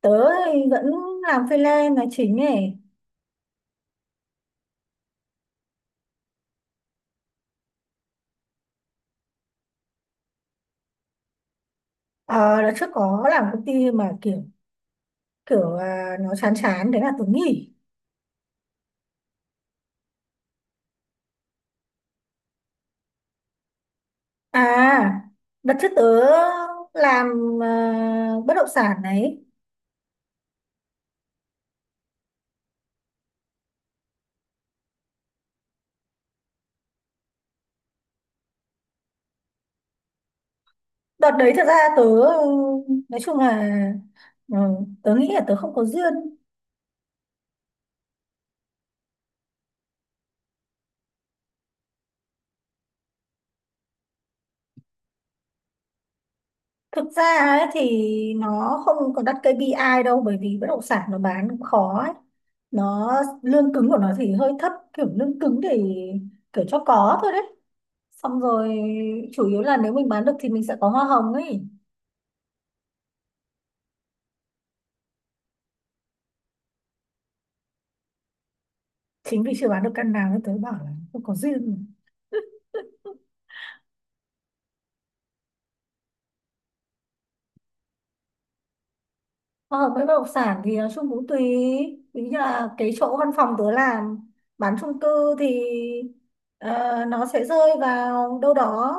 Tớ thì vẫn làm freelance là chính ấy. Ờ Đợt trước có làm công ty mà kiểu kiểu à, nó chán chán, thế là tớ nghỉ. à Đợt trước tớ làm, bất động sản đấy. Đợt đấy thật ra tớ, ừ, nói chung là, ừ, tớ nghĩ là tớ không có duyên. Thực ra ấy, thì nó không có đặt kây pi ai đâu, bởi vì bất động sản nó bán cũng khó ấy. nó Lương cứng của nó thì hơi thấp, kiểu lương cứng thì kiểu cho có thôi đấy. Xong rồi chủ yếu là nếu mình bán được thì mình sẽ có hoa hồng ấy. Chính vì chưa bán được căn nào nên tớ bảo là không có duyên. Hoa hồng với bất động sản thì nói chung cũng tùy, ví như là cái chỗ văn phòng tớ làm bán chung cư thì nó sẽ rơi vào đâu đó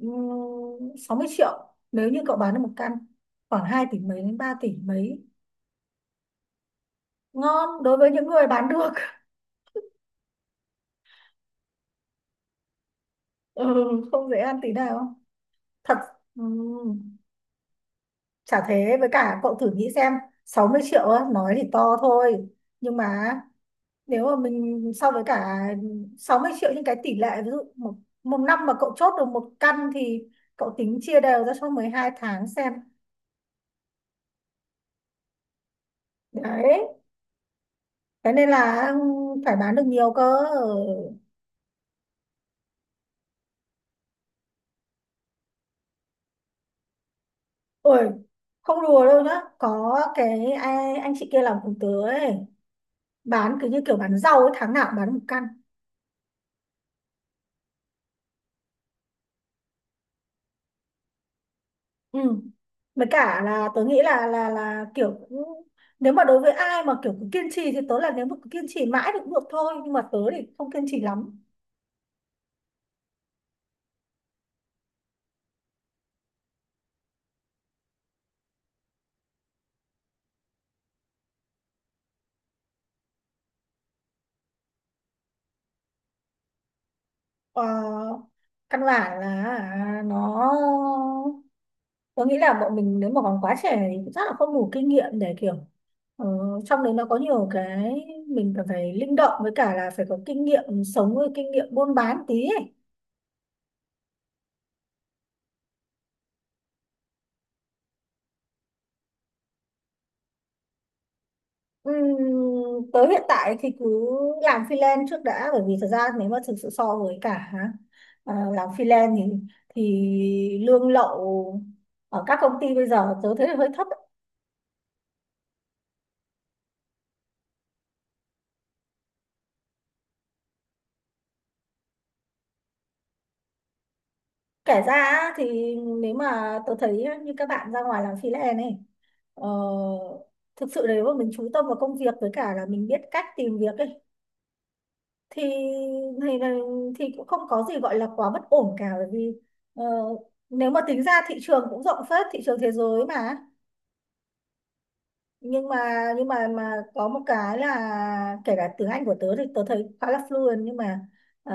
60 triệu nếu như cậu bán được một căn khoảng 2 tỷ mấy đến 3 tỷ mấy. Ngon đối với những người bán được. Ừ, không dễ ăn tí nào thật. Ừ. Chả thế, với cả cậu thử nghĩ xem, 60 triệu á, nói thì to thôi, nhưng mà nếu mà mình so với cả 60 triệu những cái tỷ lệ ví dụ một năm mà cậu chốt được một căn thì cậu tính chia đều ra cho 12 tháng xem. Đấy, thế nên là, phải bán được nhiều cơ. Ôi không đùa đâu nhá, có cái ai, anh chị kia làm cùng tớ ấy, bán cứ như kiểu bán rau ấy, tháng nào cũng bán một căn. Ừ. Với cả là tớ nghĩ là kiểu cũng, nếu mà đối với ai mà kiểu cứ kiên trì thì tớ là nếu mà cứ kiên trì mãi thì cũng được thôi, nhưng mà tớ thì không kiên trì lắm. ờ, Căn bản là nó tớ nghĩ là bọn mình nếu mà còn quá trẻ thì chắc là không đủ kinh nghiệm để kiểu, ờ, trong đấy nó có nhiều cái mình cần phải linh động, với cả là phải có kinh nghiệm sống với kinh nghiệm buôn bán tí ấy. Tới hiện tại thì cứ làm freelance trước đã, bởi vì thật ra nếu mà thực sự so với cả, làm freelance thì lương lậu ở các công ty bây giờ tớ thấy là hơi thấp ấy. Kể ra á, thì nếu mà tớ thấy như các bạn ra ngoài làm freelance này, ờ, thực sự nếu mà mình chú tâm vào công việc với cả là mình biết cách tìm việc ấy thì thì, thì cũng không có gì gọi là quá bất ổn cả, bởi vì ờ, nếu mà tính ra thị trường cũng rộng phết, thị trường thế giới mà. Nhưng mà nhưng mà có một cái là kể cả tiếng Anh của tớ thì tớ thấy khá là fluent, nhưng mà ờ,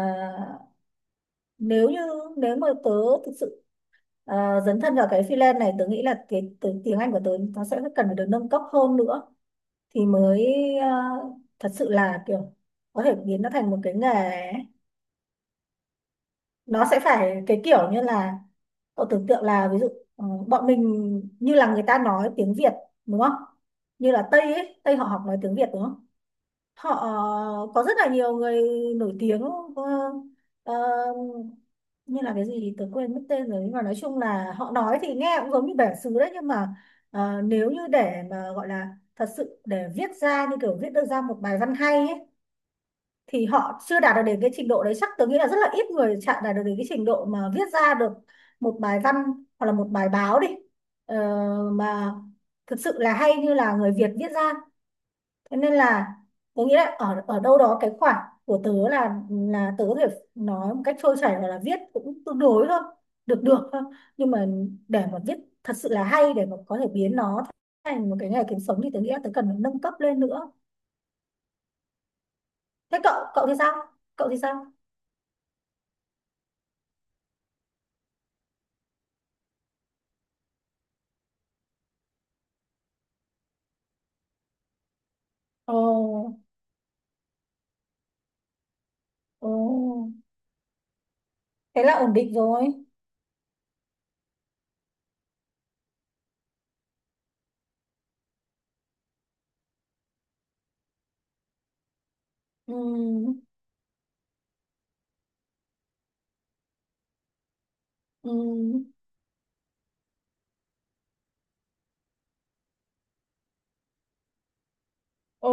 nếu như, nếu mà tớ thực sự dấn thân vào cái freelance này, tớ nghĩ là cái tiếng Anh của tớ nó sẽ cần phải được nâng cấp hơn nữa, thì mới thật sự là kiểu có thể biến nó thành một cái nghề ấy. Nó sẽ phải cái kiểu như là, cậu tưởng tượng là ví dụ bọn mình như là người ta nói tiếng Việt đúng không, như là Tây ấy, Tây họ học nói tiếng Việt đúng không. Họ có rất là nhiều người nổi tiếng, ờ, ờ, như là cái gì thì tớ quên mất tên rồi, nhưng mà nói chung là họ nói thì nghe cũng giống như bản xứ đấy, nhưng mà nếu như để mà gọi là thật sự để viết ra như kiểu viết được ra một bài văn hay ấy, thì họ chưa đạt được đến cái trình độ đấy. Chắc tớ nghĩ là rất là ít người chạm đạt được đến cái trình độ mà viết ra được một bài văn hoặc là một bài báo đi, ờ, mà thực sự là hay như là người Việt viết ra. Thế nên là tớ nghĩ là ở ở đâu đó cái khoảng của tớ là tớ có thể nói một cách trôi chảy hoặc là viết cũng tương đối thôi, được được thôi, nhưng mà để mà viết thật sự là hay, để mà có thể biến nó thành một cái nghề kiếm sống thì tớ nghĩ là tớ cần phải nâng cấp lên nữa. Thế cậu cậu thì sao, cậu thì sao ồ ồ. Thế là ổn định rồi. Ừ ừ, ồ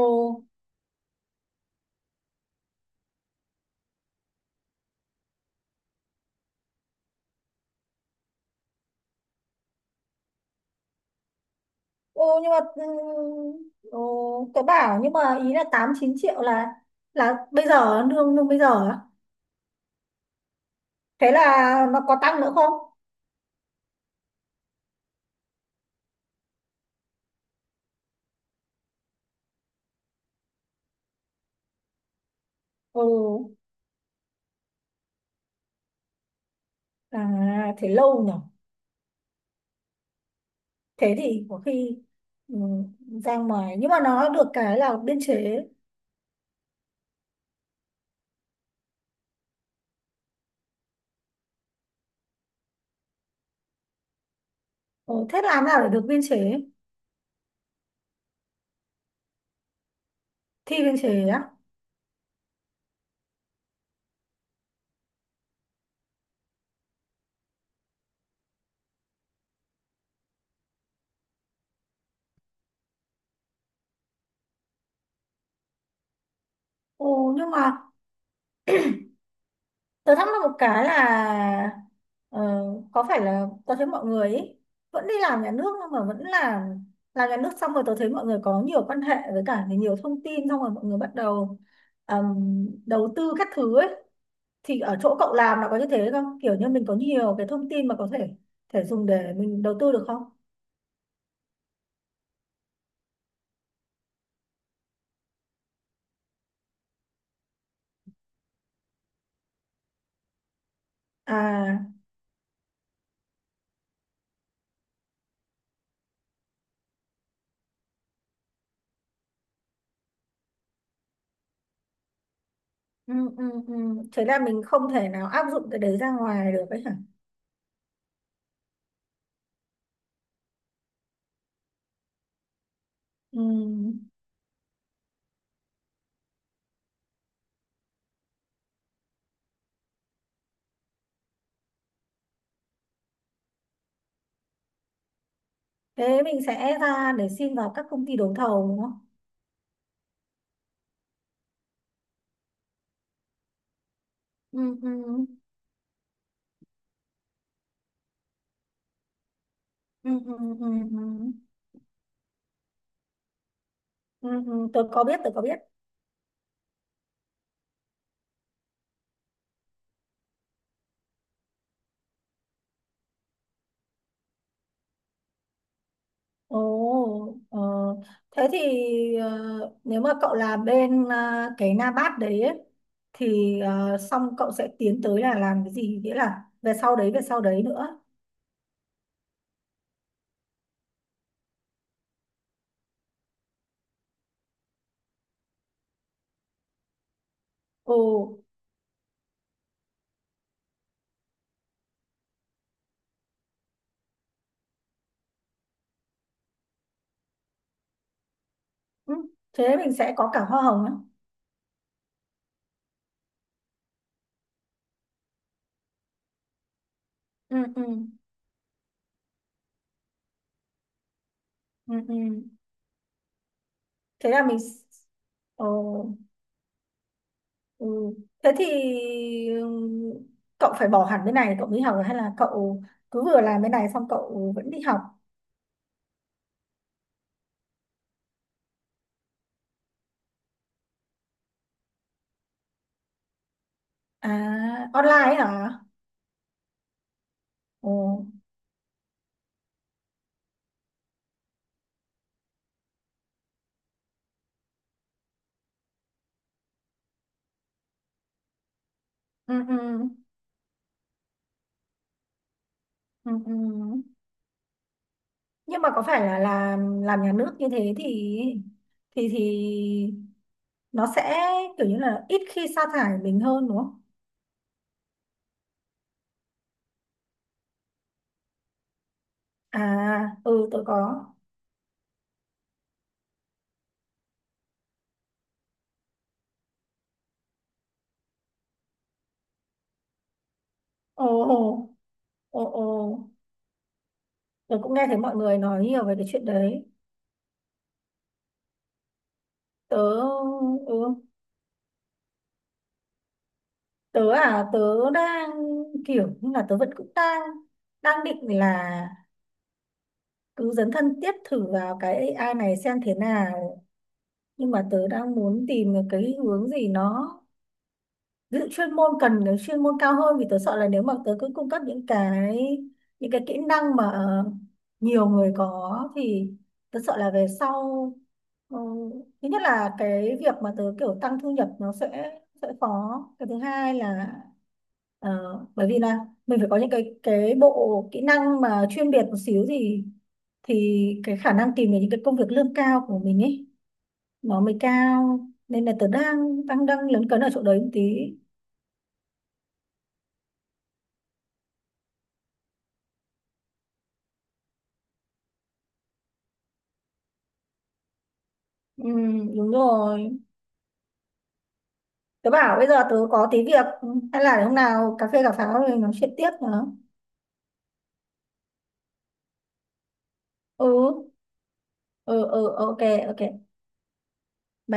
ồ, nhưng mà ồ tớ bảo nhưng mà ý là 8-9 triệu là bây giờ, lương lương bây giờ ấy. Thế là nó có tăng nữa không? Ừ, à thế lâu nhỉ. Thế thì có khi, ừ, ra ngoài nhưng mà nó được cái là biên chế. Ừ, thế làm nào để được biên chế? Thi biên chế á. Ừ. Nhưng mà tớ thắc mắc một cái là, ờ, có phải là tớ thấy mọi người ý, vẫn đi làm nhà nước nhưng mà vẫn làm nhà nước xong rồi tớ thấy mọi người có nhiều quan hệ với cả nhiều thông tin, xong rồi mọi người bắt đầu đầu tư các thứ ấy. Thì ở chỗ cậu làm là có như thế không, kiểu như mình có nhiều cái thông tin mà có thể thể dùng để mình đầu tư được không? À, ừ, ừ, ừ. Thế là mình không thể nào áp dụng cái đấy ra ngoài được ấy hả? Ừ. Thế mình sẽ ra để xin vào các công ty đấu thầu đúng không? Ừ, ừ, ừ, ừ, ừ, ừ. Ừ, ừ. Ừ, tôi có biết, tôi có biết. Ồ, thế thì ờ, nếu mà cậu làm bên cái Nabat đấy ấy, thì xong cậu sẽ tiến tới là làm cái gì, nghĩa là về sau đấy, về sau đấy nữa. Ồ. Ừ, thế mình sẽ có cả hoa hồng á. Ừ, ừ, ừ, ừ. Thế là mình s- Ồ, ừ. Thế thì ừm, cậu phải bỏ hẳn bên này cậu mới học, hay là cậu cứ vừa làm bên này xong cậu vẫn đi học? À online hả? Ồ, ừ, ừ. Ừ, ừ. Nhưng mà có phải là làm nhà nước như thế thì thì thì nó sẽ kiểu như là ít khi sa thải mình hơn đúng không? À ừ tôi có. Ồ ồ, ồ ồ, tôi cũng nghe thấy mọi người nói nhiều về cái chuyện đấy. Tớ. Ừ, tớ. À tớ Đang kiểu như là tớ vẫn cũng đang, đang định là cứ dấn thân tiếp thử vào cái AI này xem thế nào, nhưng mà tớ đang muốn tìm được cái hướng gì nó, ví dụ chuyên môn, cần cái chuyên môn cao hơn, vì tớ sợ là nếu mà tớ cứ cung cấp những cái kỹ năng mà nhiều người có thì tớ sợ là về sau, ừ, thứ nhất là cái việc mà tớ kiểu tăng thu nhập nó sẽ khó, cái thứ hai là ờ, bởi vì là mình phải có những cái bộ kỹ năng mà chuyên biệt một xíu, thì cái khả năng tìm được những cái công việc lương cao của mình ấy nó mới cao. Nên là tớ đang đang đang lấn cấn ở chỗ đấy một tí. Ừ, đúng rồi. Tớ bảo bây giờ tớ có tí việc, hay là hôm nào cà phê cà pháo rồi nói chuyện tiếp nữa. Ừ, ừ, ừ, ok, ok. Bye.